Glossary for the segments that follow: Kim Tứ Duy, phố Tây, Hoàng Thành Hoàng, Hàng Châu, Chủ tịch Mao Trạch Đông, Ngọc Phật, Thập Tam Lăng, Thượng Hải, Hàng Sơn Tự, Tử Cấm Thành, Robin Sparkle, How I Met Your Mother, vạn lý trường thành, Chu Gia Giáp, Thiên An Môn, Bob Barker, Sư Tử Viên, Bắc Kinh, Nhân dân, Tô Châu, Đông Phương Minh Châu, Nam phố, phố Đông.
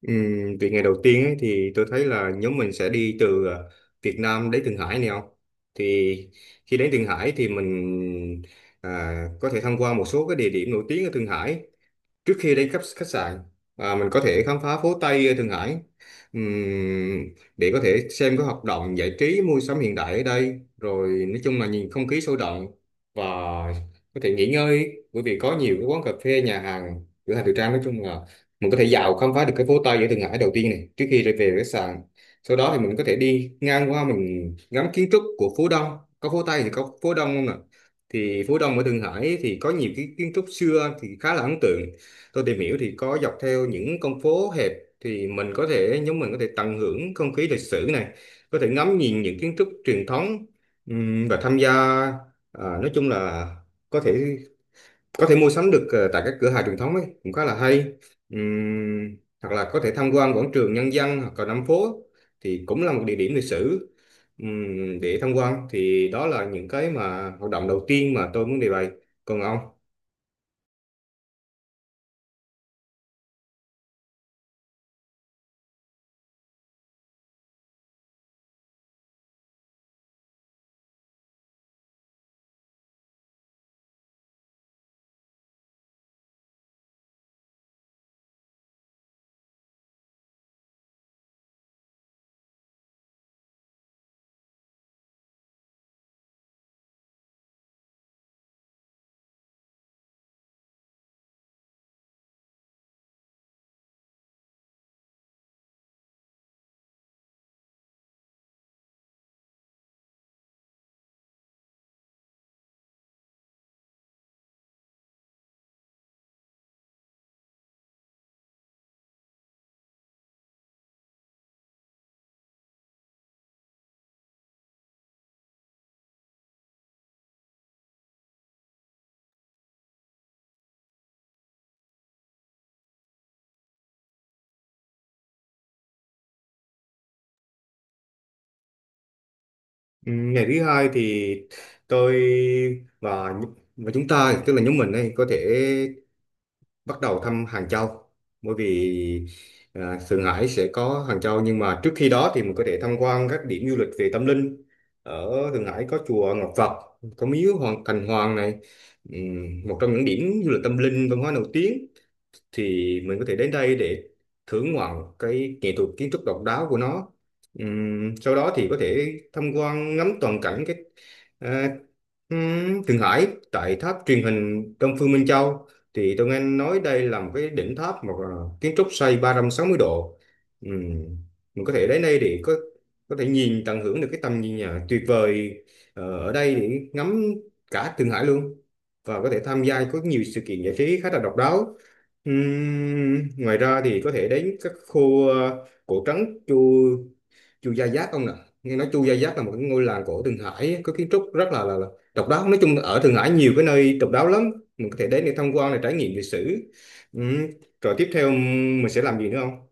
Ừ, vậy ngày đầu tiên ấy, thì tôi thấy là nhóm mình sẽ đi từ Việt Nam đến Thượng Hải, này không? Thì khi đến Thượng Hải thì mình có thể tham quan một số cái địa điểm nổi tiếng ở Thượng Hải trước khi đến khách khách sạn. Mình có thể khám phá phố Tây ở Thượng Hải. Ừm, để có thể xem các hoạt động giải trí, mua sắm hiện đại ở đây, rồi nói chung là nhìn không khí sôi động và có thể nghỉ ngơi, bởi vì có nhiều cái quán cà phê, nhà hàng, cửa hàng thời trang. Nói chung là mình có thể dạo khám phá được cái phố Tây ở Thượng Hải đầu tiên này trước khi trở về khách sạn. Sau đó thì mình có thể đi ngang qua, mình ngắm kiến trúc của phố Đông. Có phố Tây thì có phố Đông, không ạ? Thì phố Đông ở Thượng Hải thì có nhiều cái kiến trúc xưa thì khá là ấn tượng. Tôi tìm hiểu thì có dọc theo những con phố hẹp thì mình có thể, nhóm mình có thể tận hưởng không khí lịch sử này, có thể ngắm nhìn những kiến trúc truyền thống, và tham gia nói chung là có thể có thể mua sắm được tại các cửa hàng truyền thống ấy cũng khá là hay. Hoặc là có thể tham quan quảng trường Nhân dân hoặc là Nam phố thì cũng là một địa điểm lịch sử, để tham quan. Thì đó là những cái mà hoạt động đầu tiên mà tôi muốn đề bày. Còn ông? Ừ, ngày thứ hai thì tôi và chúng ta, tức là nhóm mình ấy, có thể bắt đầu thăm Hàng Châu, bởi vì Thượng Hải sẽ có Hàng Châu. Nhưng mà trước khi đó thì mình có thể tham quan các điểm du lịch về tâm linh ở Thượng Hải, có chùa Ngọc Phật, có miếu Hoàng Thành Hoàng này. Một trong những điểm du lịch tâm linh văn hóa nổi tiếng thì mình có thể đến đây để thưởng ngoạn cái nghệ thuật kiến trúc độc đáo của nó. Sau đó thì có thể tham quan ngắm toàn cảnh cái à, Thượng Hải tại tháp truyền hình Đông Phương Minh Châu. Thì tôi nghe nói đây là một cái đỉnh tháp mà kiến trúc xoay 360°. Ừm, mình có thể đến đây để có thể nhìn, tận hưởng được cái tầm nhìn tuyệt vời ở đây, để ngắm cả Thượng Hải luôn, và có thể tham gia có nhiều sự kiện giải trí khá là độc đáo. Ngoài ra thì có thể đến các khu cổ trấn Chu Chu Gia Giáp ông nè. Nghe nói Chu Gia Giáp là một cái ngôi làng cổ Thượng Hải, có kiến trúc rất là độc đáo. Nói chung là ở Thượng Hải nhiều cái nơi độc đáo lắm, mình có thể đến để tham quan, để trải nghiệm lịch sử. Ừm, Rồi tiếp theo mình sẽ làm gì nữa không?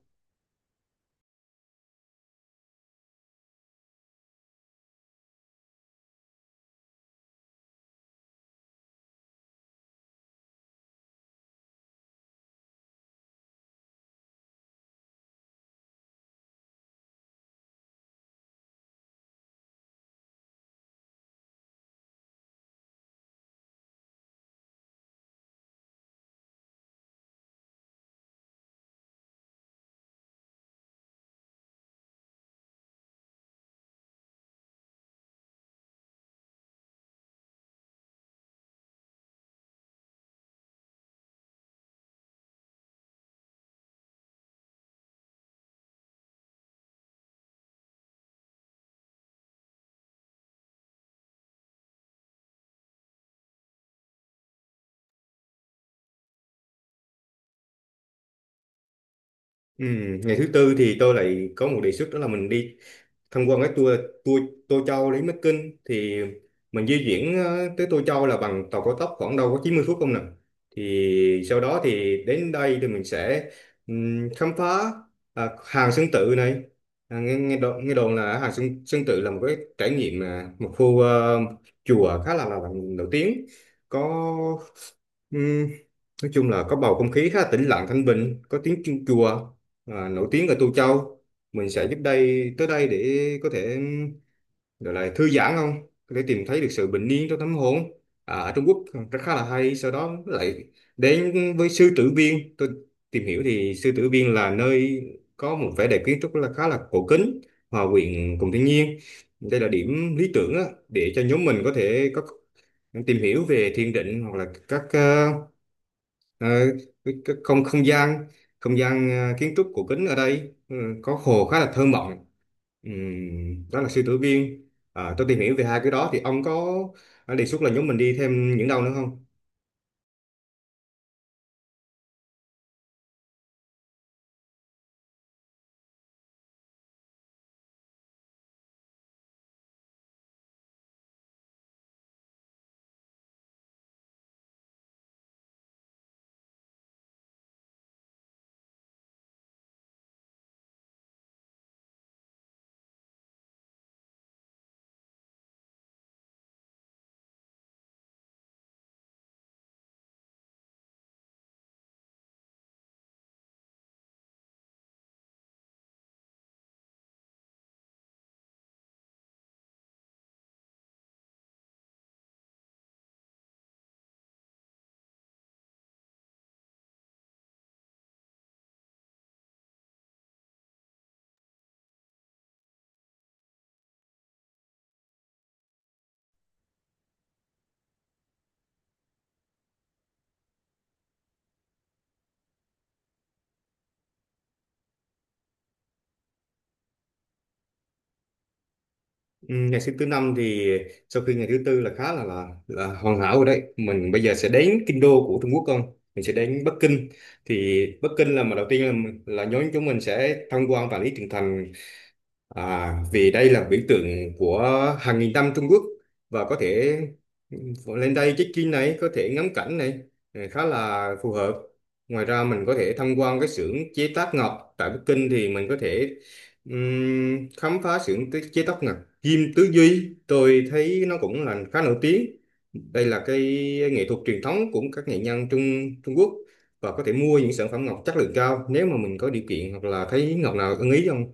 Ngày thứ tư thì tôi lại có một đề xuất, đó là mình đi tham quan cái tour tour Tô Châu đến Bắc Kinh. Thì mình di chuyển tới Tô Châu là bằng tàu cao tốc, khoảng đâu có 90 phút không nè. Thì sau đó thì đến đây thì mình sẽ khám phá Hàng Sơn Tự này. À, nghe nghe đồn, nghe đồn là Hàng Sơn Tự là một cái trải nghiệm, một khu chùa khá là nổi tiếng, có, nói chung là có bầu không khí khá tĩnh lặng, thanh bình, có tiếng chuông chùa nổi tiếng ở Tô Châu. Mình sẽ giúp đây, tới đây để có thể gọi là thư giãn không, có thể tìm thấy được sự bình yên trong tâm hồn ở Trung Quốc, rất khá là hay. Sau đó lại đến với Sư Tử Viên. Tôi tìm hiểu thì Sư Tử Viên là nơi có một vẻ đẹp kiến trúc là khá là cổ kính, hòa quyện cùng thiên nhiên. Đây là điểm lý tưởng á, để cho nhóm mình có thể có, tìm hiểu về thiền định hoặc là các ờ, Ờ, cái không không gian, không gian kiến trúc cổ kính ở đây, ừ, có hồ khá là thơ mộng. Đó là Sư Tử Viên. Tôi tìm hiểu về hai cái đó, thì ông có đề xuất là nhóm mình đi thêm những đâu nữa không? Ngày thứ thứ năm thì sau khi ngày thứ tư là khá là hoàn hảo rồi đấy, mình bây giờ sẽ đến kinh đô của Trung Quốc không, mình sẽ đến Bắc Kinh. Thì Bắc Kinh là, mà đầu tiên là nhóm chúng mình sẽ tham quan Vạn Lý Trường Thành. À, vì đây là biểu tượng của hàng nghìn năm Trung Quốc, và có thể, ừ, lên đây check-in này, có thể ngắm cảnh này, ừ, khá là phù hợp. Ngoài ra mình có thể tham quan cái xưởng chế tác ngọc tại Bắc Kinh. Thì mình có thể khám phá xưởng chế tác ngọc Kim Tứ Duy. Tôi thấy nó cũng là khá nổi tiếng. Đây là cái nghệ thuật truyền thống của các nghệ nhân Trung Trung Quốc, và có thể mua những sản phẩm ngọc chất lượng cao nếu mà mình có điều kiện hoặc là thấy ngọc nào ưng ý, không?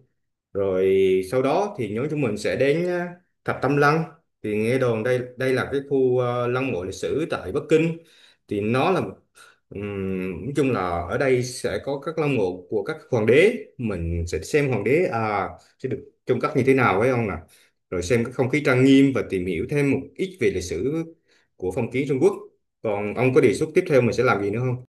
Rồi sau đó thì nhóm chúng mình sẽ đến Thập Tam Lăng. Thì nghe đồn đây đây là cái khu lăng mộ lịch sử tại Bắc Kinh. Thì nó là, nói chung là ở đây sẽ có các lăng mộ của các hoàng đế, mình sẽ xem hoàng đế à, sẽ được trông cất như thế nào, phải không nè. Rồi xem cái không khí trang nghiêm và tìm hiểu thêm một ít về lịch sử của phong kiến Trung Quốc. Còn ông có đề xuất tiếp theo mình sẽ làm gì nữa không?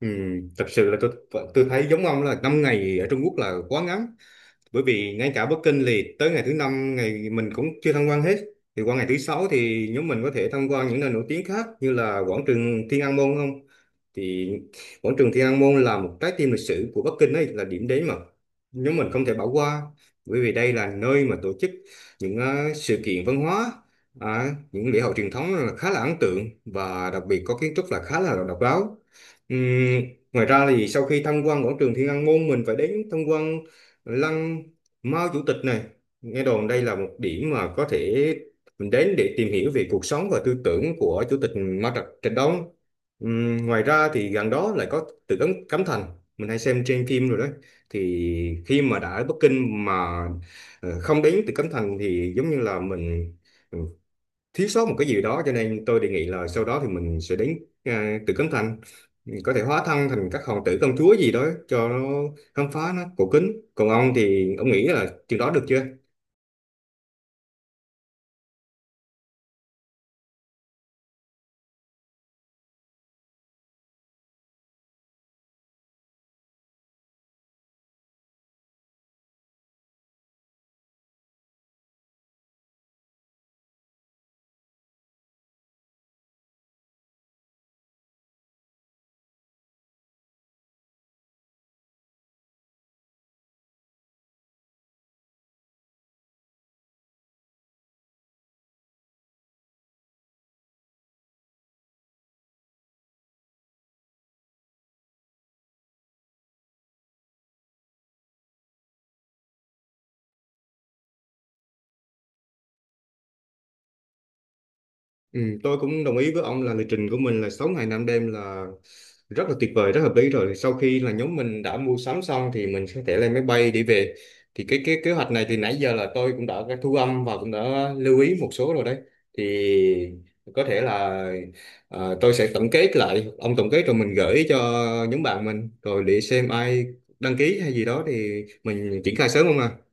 Thật sự là tôi thấy giống ông, là 5 ngày ở Trung Quốc là quá ngắn, bởi vì ngay cả booking thì tới ngày thứ 5 ngày mình cũng chưa tham quan hết. Thì qua ngày thứ sáu thì nhóm mình có thể tham quan những nơi nổi tiếng khác, như là quảng trường Thiên An Môn không. Thì quảng trường Thiên An Môn là một trái tim lịch sử của Bắc Kinh ấy, là điểm đến mà nhóm mình không thể bỏ qua, bởi vì đây là nơi mà tổ chức những sự kiện văn hóa, những lễ hội truyền thống là khá là ấn tượng, và đặc biệt có kiến trúc là khá là độc đáo. Ừm, Ngoài ra thì sau khi tham quan quảng trường Thiên An Môn, mình phải đến tham quan lăng Mao Chủ tịch này. Nghe đồn đây là một điểm mà có thể mình đến để tìm hiểu về cuộc sống và tư tưởng của Chủ tịch Mao Trạch Trạch Đông. Ngoài ra thì gần đó lại có tự cấm Cấm Thành, mình hay xem trên phim rồi đó. Thì khi mà đã ở Bắc Kinh mà không đến Tự Cấm Thành thì giống như là mình, ừ, thiếu sót một cái gì đó, cho nên tôi đề nghị là sau đó thì mình sẽ đến Tử Cấm Thành, có thể hóa thân thành các hoàng tử, công chúa gì đó, cho nó khám phá, nó cổ kính. Còn ông thì ông nghĩ là chừng đó được chưa? Ừ, tôi cũng đồng ý với ông là lịch trình của mình là 6 ngày 5 đêm là rất là tuyệt vời, rất hợp lý rồi. Sau khi là nhóm mình đã mua sắm xong thì mình sẽ thể lên máy bay để về. Thì cái kế hoạch này thì nãy giờ là tôi cũng đã thu âm và cũng đã lưu ý một số rồi đấy. Thì có thể là tôi sẽ tổng kết lại, ông tổng kết, rồi mình gửi cho nhóm bạn mình, rồi để xem ai đăng ký hay gì đó thì mình triển khai sớm, không à?